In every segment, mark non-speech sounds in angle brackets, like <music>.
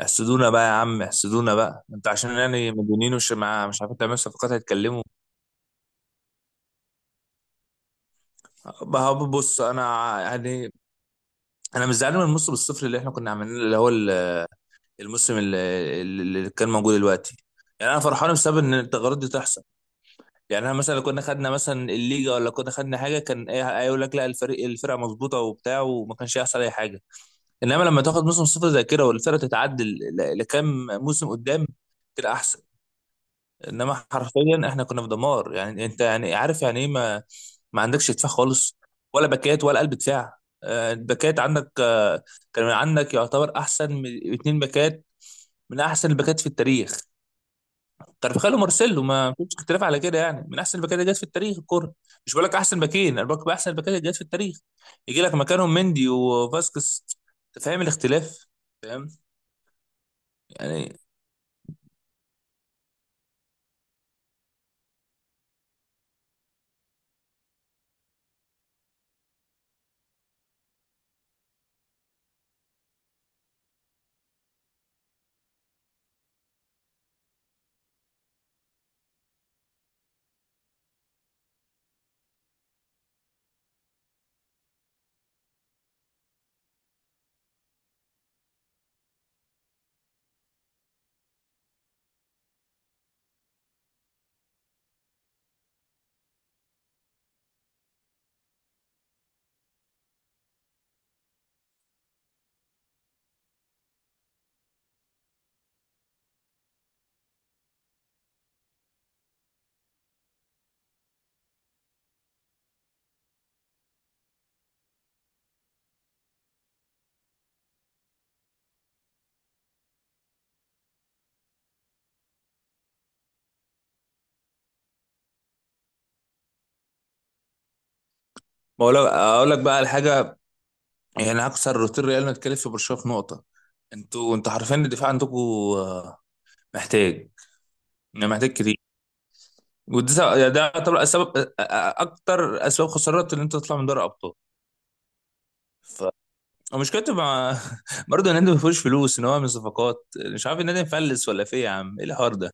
احسدونا بقى يا عم، احسدونا بقى. انت عشان يعني مديونين ومش مع مش عارفين تعملوا صفقات هيتكلموا. بقى بص، انا يعني انا مش زعلان من الموسم الصفر اللي احنا كنا عاملينه، اللي هو الموسم اللي كان موجود دلوقتي. يعني انا فرحان بسبب ان التغيرات دي تحصل. يعني انا مثلا لو كنا خدنا مثلا الليجا ولا كنا خدنا حاجه، كان ايه؟ يقول لك لا، الفريق الفرقه مظبوطه وبتاع، وما كانش هيحصل اي حاجه. انما لما تاخد موسم صفر زي كده والفرقه تتعدل لكام موسم قدام، كده احسن. انما حرفيا احنا كنا في دمار. يعني انت يعني عارف يعني ايه، ما عندكش دفاع خالص، ولا باكات ولا قلب دفاع. آه، الباكات عندك. آه، كان عندك يعتبر احسن من اتنين باكات، من احسن الباكات في التاريخ. كارفخال ومارسيلو، ما فيش اختلاف على كده، يعني من احسن الباكات اللي جت في التاريخ الكوره. مش بقول لك احسن باكين، انا بقول لك احسن الباكات اللي جت في التاريخ. يجي لك مكانهم مندي وفاسكس، انت فاهم الاختلاف؟ فاهم. يعني ما هو اقول لك بقى على حاجه. يعني اكثر روتين ريال متكلف في برشلونه في نقطه. انتوا عارفين ان الدفاع عندكم آه، محتاج، يعني محتاج كتير. وده يعني ده طبعا السبب آه، آه، اكتر اسباب خسارات ان انت تطلع من دوري ابطال. ف ومشكلته مع <laughs> برضه النادي ما فيهوش فلوس، ان هو من صفقات. مش عارف النادي مفلس ولا في إيه يا عم، ايه الحوار ده؟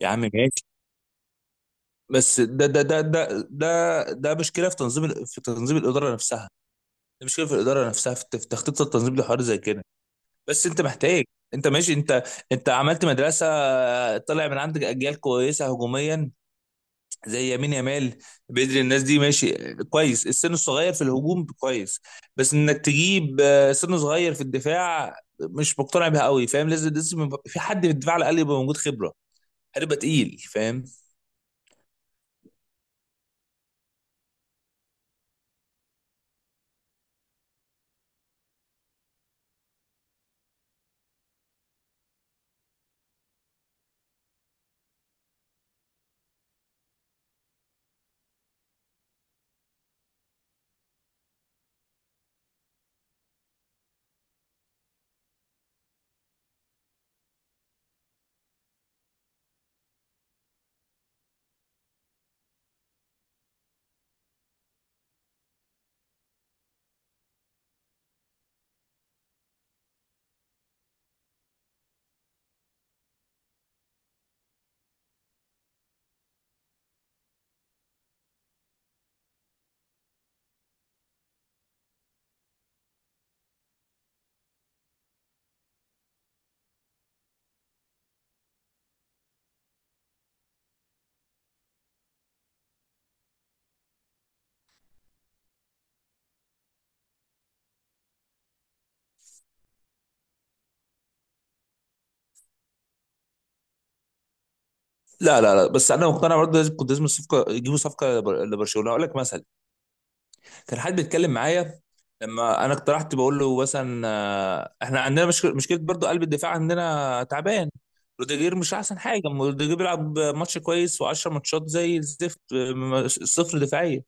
يا عم ماشي، بس ده مشكله في تنظيم في تنظيم الاداره نفسها. ده مشكله في الاداره نفسها، في تخطيط التنظيم لحوار زي كده. بس انت محتاج، انت ماشي، انت عملت مدرسه، طلع من عندك اجيال كويسه هجوميا زي يمين يامال. بدري، الناس دي ماشي كويس، السن الصغير في الهجوم كويس. بس انك تجيب آه، سن صغير في الدفاع مش مقتنع بيها قوي. فاهم؟ لازم يبقى في حد في الدفاع، على الاقل يبقى موجود خبره، هتبقى تقيل. فاهم؟ لا، بس انا مقتنع برضه لازم، كنت لازم الصفقه يجيبوا صفقه لبرشلونه. اقول لك مثلا، كان حد بيتكلم معايا لما انا اقترحت، بقول له مثلا آه، احنا عندنا مشكله، برضو قلب الدفاع عندنا تعبان. روديجير مش احسن حاجه، روديجير بيلعب ماتش كويس و10 ماتشات زي الزفت. آه، صفر دفاعيه.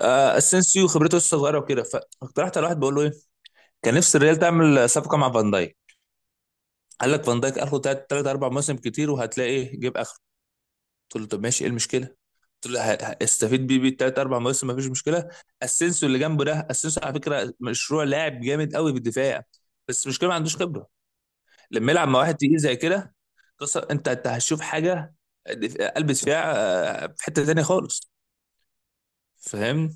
آه، اسينسيو خبرته لسه صغيره وكده. فاقترحت على واحد، بقول له ايه، كان نفسي الريال تعمل صفقه مع فان دايك. قال لك فان دايك اخره ثلاث اربع مواسم كتير، وهتلاقي إيه، جيب اخره. قلت له طب ماشي، ايه المشكله؟ قلت له هستفيد بيه تلات اربع مواسم مفيش مشكله. اسينسيو اللي جنبه ده، اسينسيو على فكره مشروع لاعب جامد قوي في الدفاع، بس المشكله ما عندوش خبره. لما يلعب مع واحد تقيل زي كده، قصه انت هتشوف حاجه. قلب دفاع آه، في حته تانيه خالص. فاهم.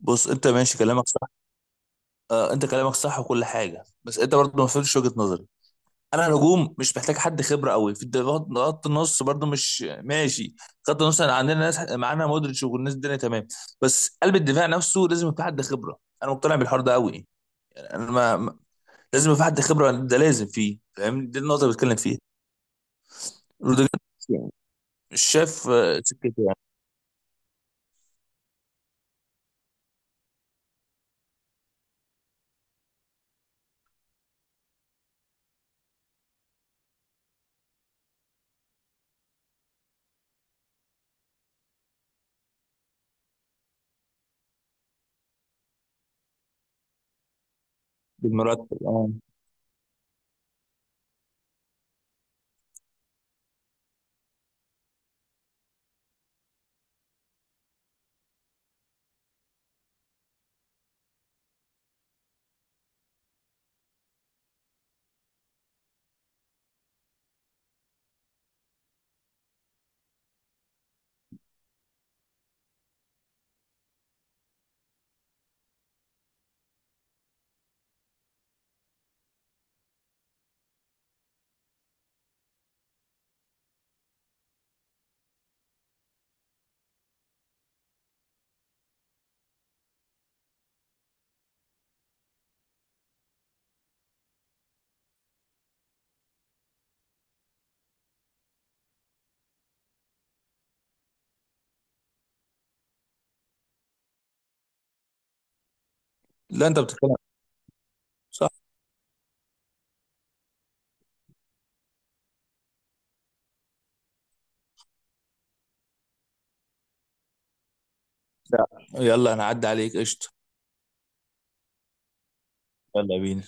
بص انت ماشي كلامك صح. آه، انت كلامك صح وكل حاجه، بس انت برضه ما فهمتش وجهه نظري. انا نجوم مش محتاج حد خبره قوي في الدفاع، خط النص برضو مش ماشي. خط النص، أنا عندنا ناس، معانا مودريتش والناس الدنيا تمام. بس قلب الدفاع نفسه لازم يبقى حد خبره. انا مقتنع بالحوار ده قوي يعني. انا ما ما- لازم يبقى حد خبره ده، لازم فيه. فاهم؟ دي النقطه اللي بتكلم فيها. روديجر مش شاف آه، سكته يعني. بالمرتب اه. لا انت بتتكلم. صح. لا، يلا انا عدى عليك قشطه. يلا بينا.